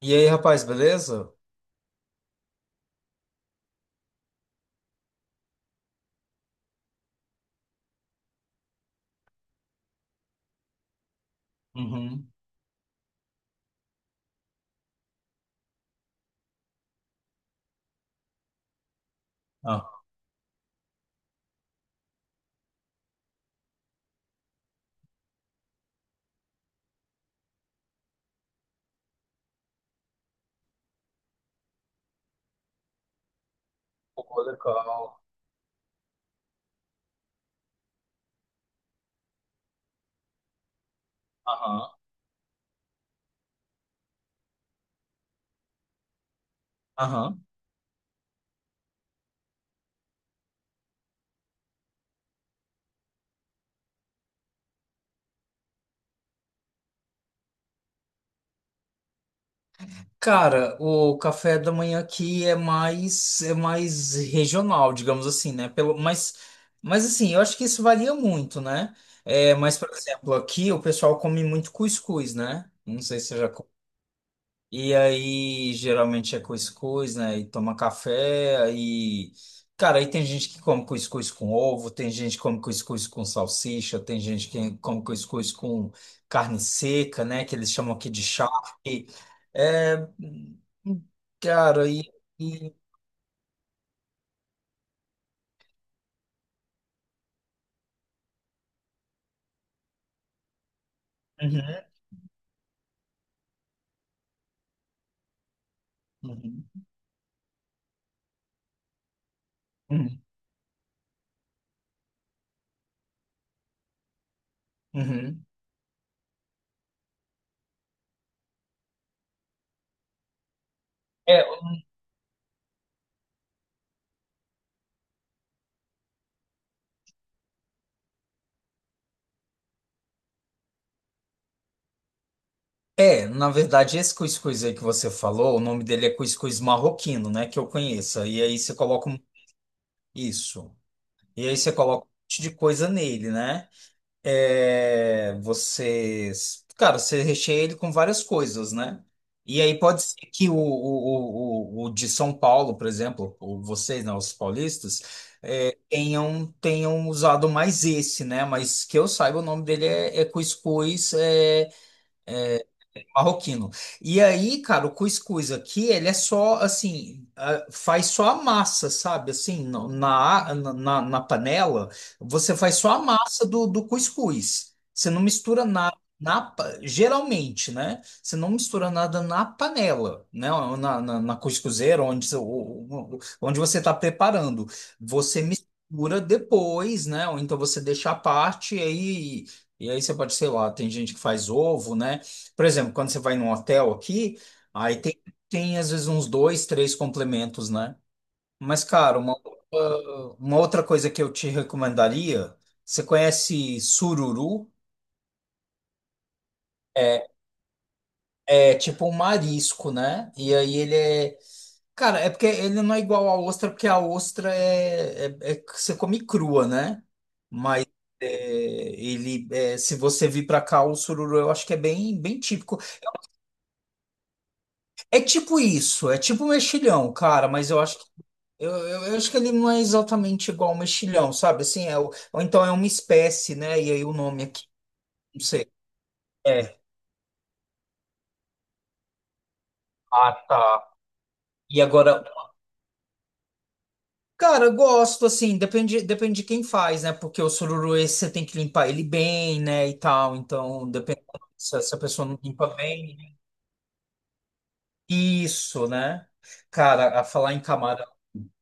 E aí, rapaz, beleza? Uhum. Ah. Pô, legal. Aham, aham. Cara, o café da manhã aqui é mais regional, digamos assim, né? Mas assim, eu acho que isso varia muito, né? É, mas, por exemplo, aqui o pessoal come muito cuscuz, né? Não sei se você já. E aí, geralmente é cuscuz, né? E toma café, aí... Cara, aí tem gente que come cuscuz com ovo, tem gente que come cuscuz com salsicha, tem gente que come cuscuz com carne seca, né? Que eles chamam aqui de charque. É... Cara, e- Uhum, uhum, uhum, uhum. É, é, na verdade, esse cuscuz aí que você falou, o nome dele é cuscuz marroquino, né? Que eu conheço. E aí você coloca isso. E aí você coloca um monte de coisa nele, né? É, você, cara, você recheia ele com várias coisas, né? E aí pode ser que o de São Paulo, por exemplo, ou vocês, né, os paulistas, tenham usado mais esse, né? Mas que eu saiba, o nome dele é cuscuz marroquino. E aí, cara, o cuscuz aqui, ele é só assim, faz só a massa, sabe? Assim, na panela, você faz só a massa do cuscuz. Você não mistura nada. Geralmente, né? Você não mistura nada na panela, né? Ou na cuscuzeira, onde você está preparando. Você mistura depois, né? Ou então você deixa à parte e aí. E aí você pode, sei lá, tem gente que faz ovo, né? Por exemplo, quando você vai num hotel aqui, aí tem às vezes uns dois, três complementos, né? Mas, cara, uma outra coisa que eu te recomendaria, você conhece sururu? É, é tipo um marisco, né? E aí ele é. Cara, é porque ele não é igual à ostra, porque a ostra é que você come crua, né? Mas se você vir pra cá, o sururu eu acho que é bem, bem típico. É tipo isso, é tipo mexilhão, cara, mas eu acho. Eu acho que ele não é exatamente igual ao mexilhão, sabe? Assim, ou então é uma espécie, né? E aí o nome aqui, não sei. É. Ah, tá. E agora, cara, eu gosto, assim, depende, depende de quem faz, né? Porque o sururu esse você tem que limpar ele bem, né? E tal. Então, depende se, se a pessoa não limpa bem. Isso, né? Cara, a falar em camarão.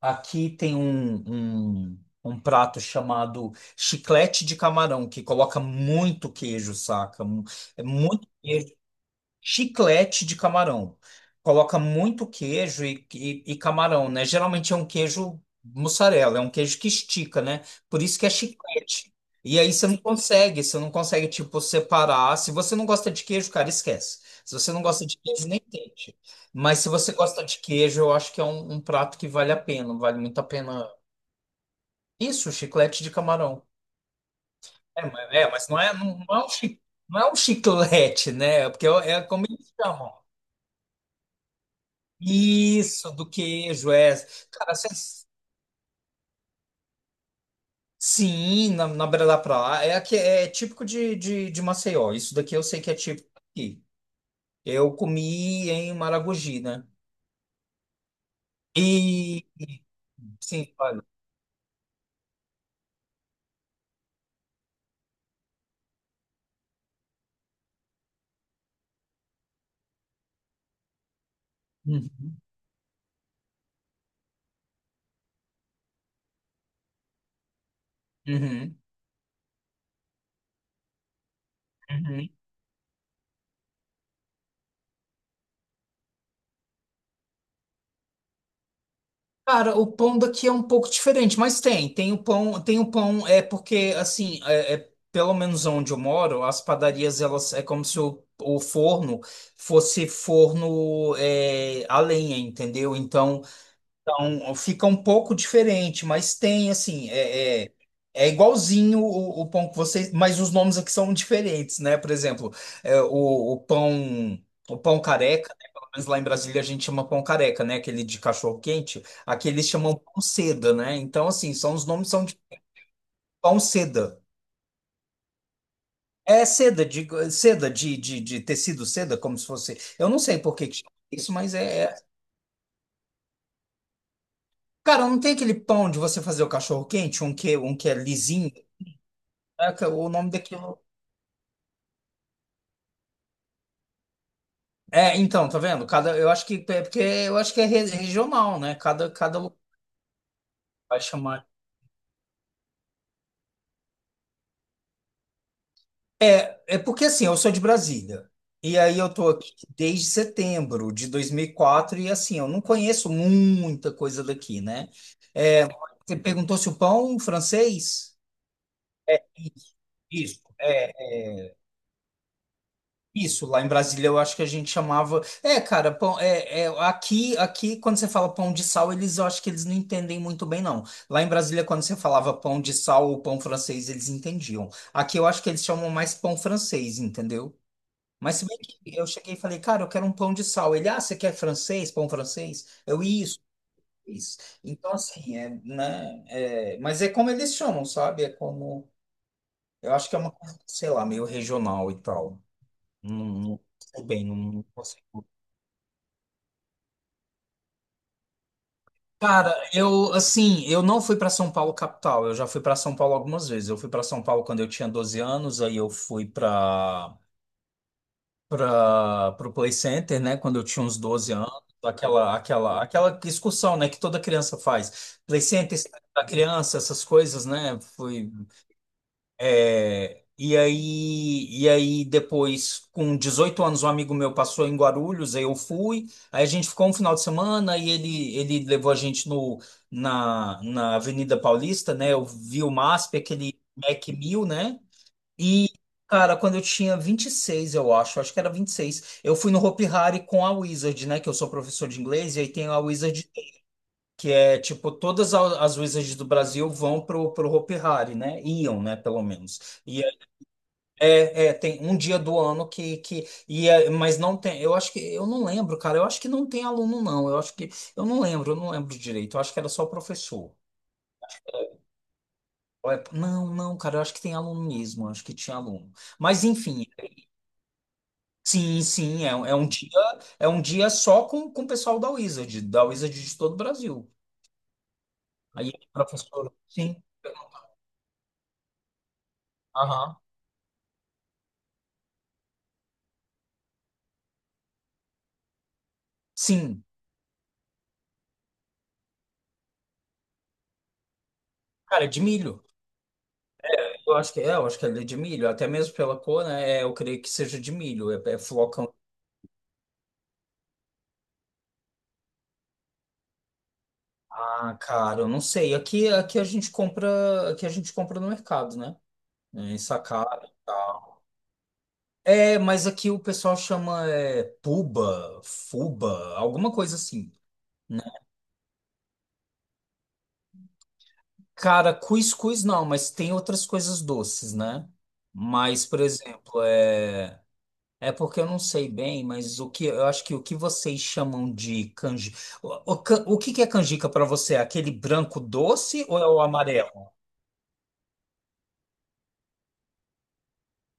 Aqui tem um, um prato chamado chiclete de camarão, que coloca muito queijo, saca? Mu- É muito Chiclete de camarão. Coloca muito queijo e camarão, né? Geralmente é um queijo mussarela, é um queijo que estica, né? Por isso que é chiclete. E aí você não consegue, tipo, separar. Se você não gosta de queijo, cara, esquece. Se você não gosta de queijo, nem tente. Mas se você gosta de queijo, eu acho que é um, um prato que vale a pena, vale muito a pena. Isso, chiclete de camarão. Mas não é um chiclete, né? Porque é é como eles chamam. Isso, do queijo, é. Cara, sim, na beira da praia. É, aqui- é típico de Maceió. Isso daqui eu sei que é típico aqui. Eu comi em Maragogi, né? E, sim, olha. Uhum, uhum, uhum. Cara, o pão daqui é um pouco diferente, mas tem. Tem o pão, é porque, assim, pelo menos onde eu moro, as padarias, elas, é como se o forno fosse forno a lenha, entendeu? Então, fica um pouco diferente, mas tem assim, é igualzinho o pão que vocês, mas os nomes aqui são diferentes, né? Por exemplo, é, o, o pão, o pão careca, né? Pelo menos lá em Brasília a gente chama pão careca, né? Aquele de cachorro quente, aqui eles chamam pão seda, né? Então, assim, são os nomes são de pão seda. É seda de seda de tecido seda, como se fosse. Eu não sei por que que chama isso, mas cara, não tem aquele pão de você fazer o cachorro quente, um que é lisinho. Caraca, o nome daquilo. É, então, tá vendo? Cada, eu acho que é porque eu acho que é regional, né? Cada lugar vai chamar. É porque assim, eu sou de Brasília. E aí eu tô aqui desde setembro de 2004 e assim, eu não conheço muita coisa daqui, né? É, você perguntou se o pão francês? Isso, isso. É. Isso, lá em Brasília eu acho que a gente chamava. É, cara, pão, aqui quando você fala pão de sal, eles eu acho que eles não entendem muito bem, não. Lá em Brasília, quando você falava pão de sal ou pão francês, eles entendiam. Aqui eu acho que eles chamam mais pão francês, entendeu? Mas se bem que eu cheguei e falei, cara, eu quero um pão de sal. Ele, ah, você quer francês, pão francês? Isso, isso. Então, assim, é, né? Mas é como eles chamam, sabe? É como. Eu acho que é uma coisa, sei lá, meio regional e tal. Não, não sei bem, não, não consigo. Cara, eu assim, eu não fui para São Paulo capital. Eu já fui para São Paulo algumas vezes. Eu fui para São Paulo quando eu tinha 12 anos, aí eu fui para o Play Center, né, quando eu tinha uns 12 anos, aquela excursão, né, que toda criança faz. Play Center, Estádio da criança, essas coisas, né? E aí depois, com 18 anos, um amigo meu passou em Guarulhos, aí eu fui. Aí a gente ficou um final de semana e ele levou a gente no, na, na Avenida Paulista, né? Eu vi o MASP, aquele Mac 1000 né? E, Cara, quando eu tinha 26 eu acho que era 26 eu fui no Hopi Hari com a Wizard, né? Que eu sou professor de inglês, e aí tem a Wizard que é tipo, todas as Wizards do Brasil vão pro Hopi Hari, né? Iam, né, pelo menos. E tem um dia do ano mas não tem, eu acho que, eu não lembro, cara, eu acho que não tem aluno, não, eu acho que, eu não lembro direito, eu acho que era só professor. Não, não, cara, eu acho que tem aluno mesmo, eu acho que tinha aluno. Mas, enfim, sim, sim, é um dia só com o pessoal da Wizard de todo o Brasil. Aí, professor, sim, aham, sim, cara, é de milho. Eu acho que ele é de milho, até mesmo pela cor, né? Eu creio que seja de milho, é flocão. Ah, cara, eu não sei. Aqui a gente compra no mercado, né? Em sacada e tal. É, mas aqui o pessoal chama puba, fuba, alguma coisa assim, né? Cara, cuscuz não, mas tem outras coisas doces, né? Mas, por exemplo, é porque eu não sei bem, mas o que eu acho que o que vocês chamam de canjica, o que que é canjica para você? É aquele branco doce ou é o amarelo?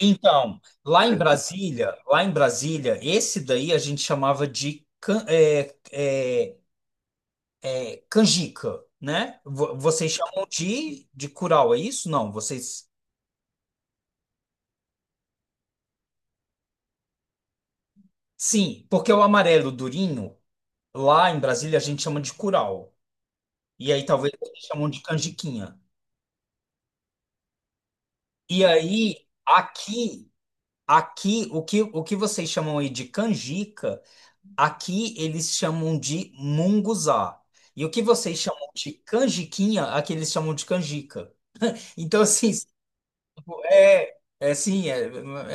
Então, lá em Brasília, esse daí a gente chamava de canjica, né? Vocês chamam de curau, é isso? Não, vocês. Sim, porque o amarelo durinho, lá em Brasília a gente chama de curau. E aí talvez vocês chamam de canjiquinha. E aí, aqui, o que vocês chamam aí de canjica. Aqui eles chamam de munguzá. E o que vocês chamam de canjiquinha, aqui eles chamam de canjica. Então, assim, tipo, sim, é,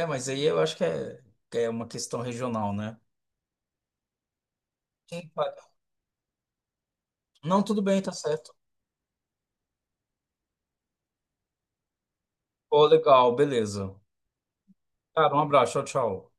é, mas aí eu acho que é, uma questão regional, né? Quem faz- Não, tudo bem, tá certo. Pô, legal, beleza. Cara, um abraço, tchau, tchau.